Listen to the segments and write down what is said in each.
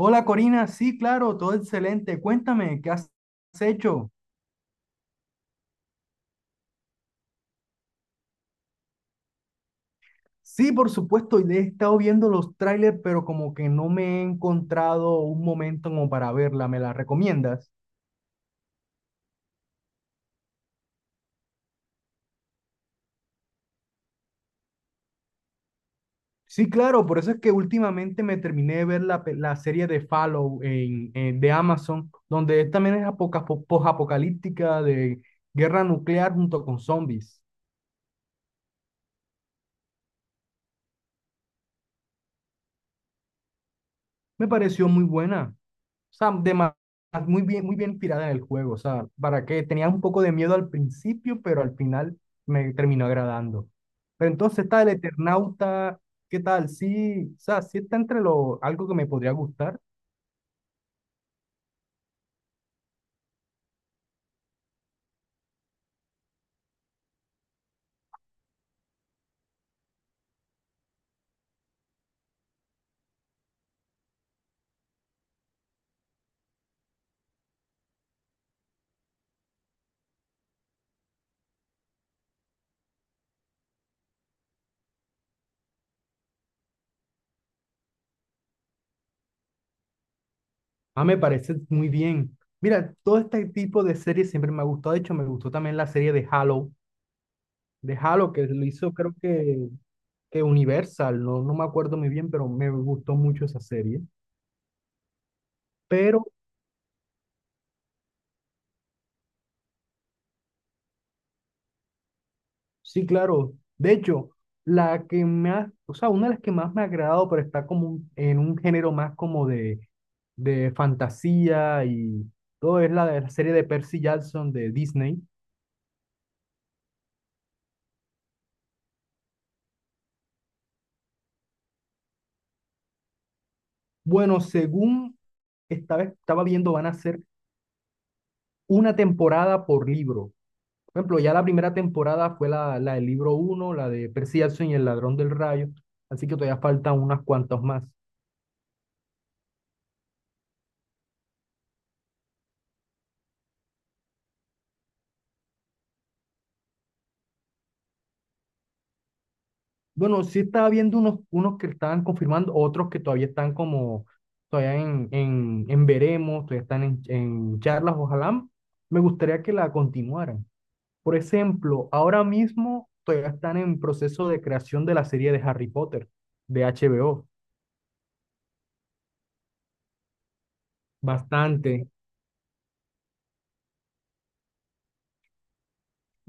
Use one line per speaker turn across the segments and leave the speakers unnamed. Hola Corina, sí, claro, todo excelente. Cuéntame, ¿qué has hecho? Sí, por supuesto, y he estado viendo los trailers, pero como que no me he encontrado un momento como para verla. ¿Me la recomiendas? Sí, claro, por eso es que últimamente me terminé de ver la serie de Fallout de Amazon, donde también es posapocalíptica de guerra nuclear junto con zombies. Me pareció muy buena. O sea, muy bien inspirada en el juego. O sea, para que tenía un poco de miedo al principio, pero al final me terminó agradando. Pero entonces está el Eternauta, ¿qué tal? Sí, o sea, sí está entre algo que me podría gustar. Ah, me parece muy bien. Mira, todo este tipo de series siempre me ha gustado. De hecho, me gustó también la serie de Halo, que lo hizo creo que Universal, no, no me acuerdo muy bien, pero me gustó mucho esa serie. Pero sí, claro. De hecho, la que más, o sea, una de las que más me ha agradado, pero está como en un género más como de fantasía y todo, es la de la serie de Percy Jackson de Disney. Bueno, según estaba viendo, van a ser una temporada por libro. Por ejemplo, ya la primera temporada fue la del libro uno, la de Percy Jackson y el ladrón del rayo, así que todavía faltan unas cuantas más. Bueno, sí estaba viendo unos que estaban confirmando, otros que todavía están como, todavía en veremos, todavía están en charlas, ojalá. Me gustaría que la continuaran. Por ejemplo, ahora mismo todavía están en proceso de creación de la serie de Harry Potter, de HBO. Bastante.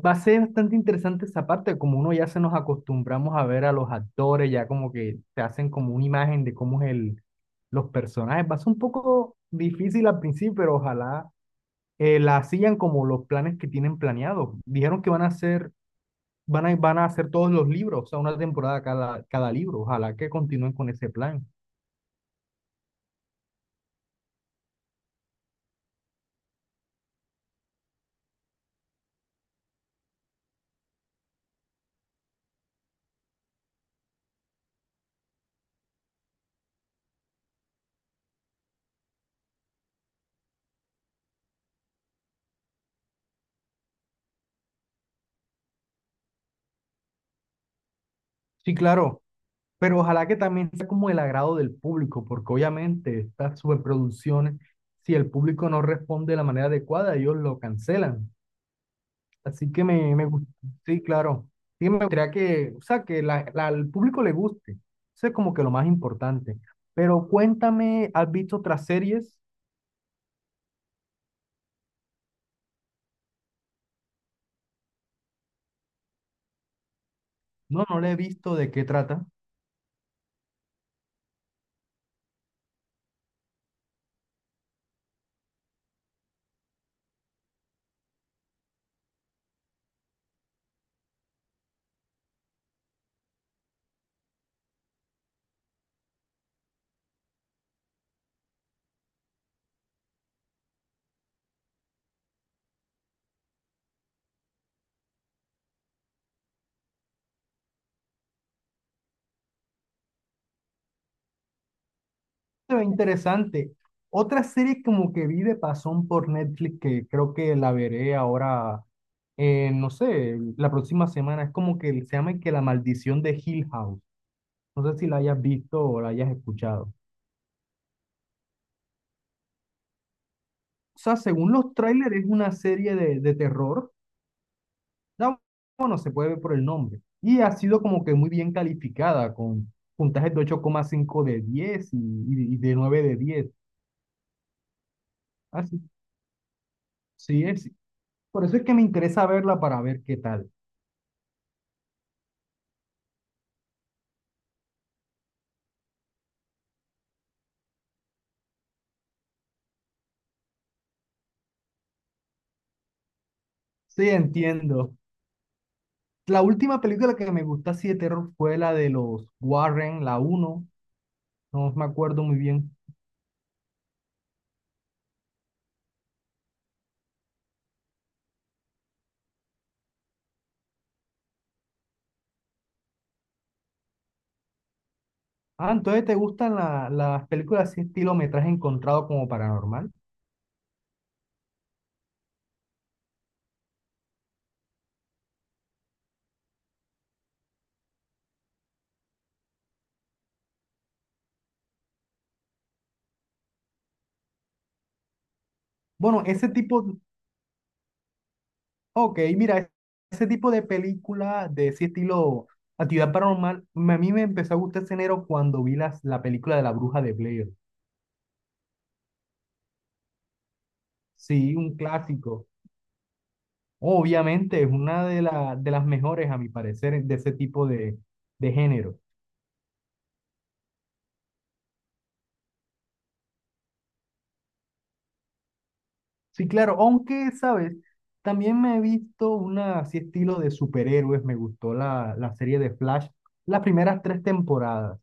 Va a ser bastante interesante esa parte, como uno ya se nos acostumbramos a ver a los actores, ya como que te hacen como una imagen de cómo es el, los personajes. Va a ser un poco difícil al principio, pero ojalá la sigan como los planes que tienen planeados. Dijeron que van a hacer, van a hacer todos los libros, o sea, una temporada cada libro. Ojalá que continúen con ese plan. Sí, claro, pero ojalá que también sea como el agrado del público, porque obviamente estas superproducciones, si el público no responde de la manera adecuada, ellos lo cancelan. Así que sí, claro. Sí, me gustaría que, o sea, que al público le guste. Eso es como que lo más importante. Pero cuéntame, ¿has visto otras series? No, no la he visto de qué trata. Se ve interesante. Otra serie como que vi de pasón por Netflix que creo que la veré ahora, no sé, la próxima semana. Es como que se llama que La Maldición de Hill House. No sé si la hayas visto o la hayas escuchado. O sea, según los trailers es una serie de terror. Da- Bueno, se puede ver por el nombre. Y ha sido como que muy bien calificada con puntajes de 8,5 de 10 y de 9 de 10. Así. Sí, sí es, por eso es que me interesa verla para ver qué tal. Sí, entiendo. La última película que me gustó así de terror fue la de los Warren, la uno. No me acuerdo muy bien. Ah, entonces te gustan las películas así estilo metraje encontrado como paranormal. Bueno, ese tipo, ok, mira, ese tipo de película de ese estilo actividad paranormal, a mí me empezó a gustar ese enero cuando vi la película de la bruja de Blair. Sí, un clásico. Obviamente es una de las mejores, a mi parecer, de ese tipo de género. Sí, claro, aunque, ¿sabes? También me he visto una así estilo de superhéroes, me gustó la serie de Flash, las primeras tres temporadas,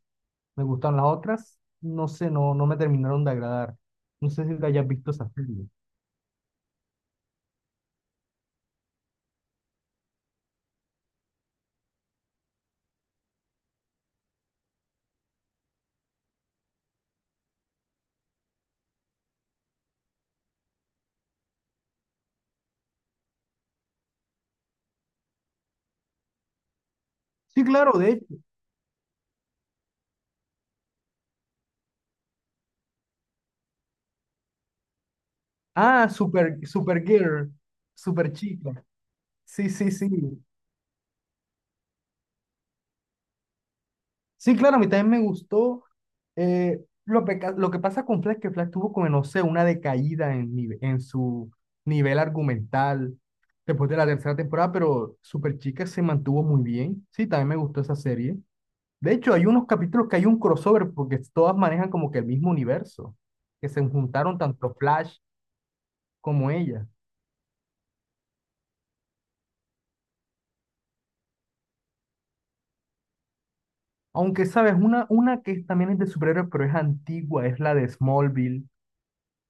me gustan las otras, no sé, no, no me terminaron de agradar. No sé si te hayas visto esa serie. Sí, claro, de hecho. Ah, Supergirl, Superchica. Sí, sí, sí. Sí, claro, a mí también me gustó lo que pasa con Flash, que Flash tuvo como, no sé, una decaída en su nivel argumental después de la tercera temporada, pero Superchica se mantuvo muy bien. Sí, también me gustó esa serie. De hecho, hay unos capítulos que hay un crossover porque todas manejan como que el mismo universo, que se juntaron tanto Flash como ella. Aunque, ¿sabes? Una que es también es de superhéroes, pero es antigua, es la de Smallville.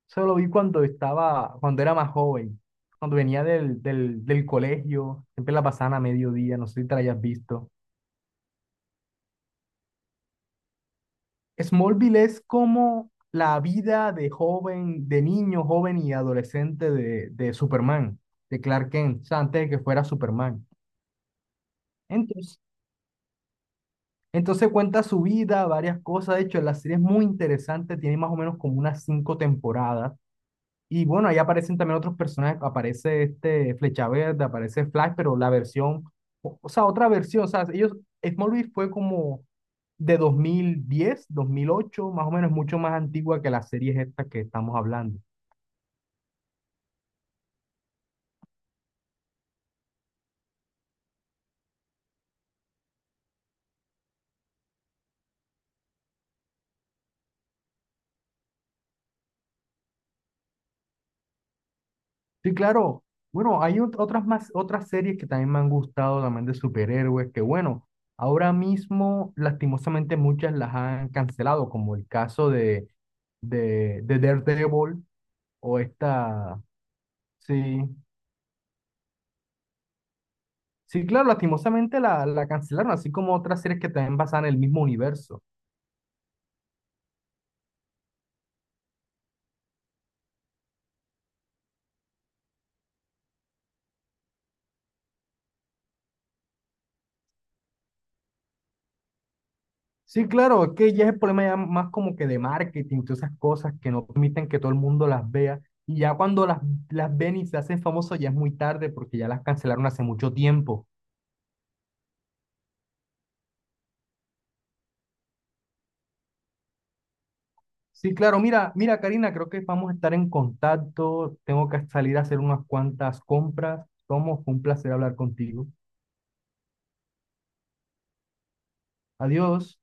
Solo lo vi cuando era más joven, cuando venía del colegio, siempre la pasaban a mediodía, no sé si te la hayas visto. Smallville es como la vida de joven, de niño, joven y adolescente de Superman, de Clark Kent, o sea, antes de que fuera Superman. Entonces, entonces cuenta su vida, varias cosas, de hecho, la serie es muy interesante, tiene más o menos como unas cinco temporadas. Y bueno, ahí aparecen también otros personajes, aparece este Flecha Verde, aparece Flash, pero la versión, o sea, otra versión, o sea, ellos, Smallville fue como de 2010 2008 más o menos, mucho más antigua que las series estas que estamos hablando. Sí, claro, bueno, hay otras más, otras series que también me han gustado, también de superhéroes, que bueno, ahora mismo, lastimosamente, muchas las han cancelado, como el caso de Daredevil o esta, sí. Sí, claro, lastimosamente la cancelaron, así como otras series que también basan en el mismo universo. Sí, claro, es que ya es el problema ya más como que de marketing, todas esas cosas que no permiten que todo el mundo las vea. Y ya cuando las ven y se hacen famosos ya es muy tarde porque ya las cancelaron hace mucho tiempo. Sí, claro, mira, mira, Karina, creo que vamos a estar en contacto. Tengo que salir a hacer unas cuantas compras. Tomo, fue un placer hablar contigo. Adiós.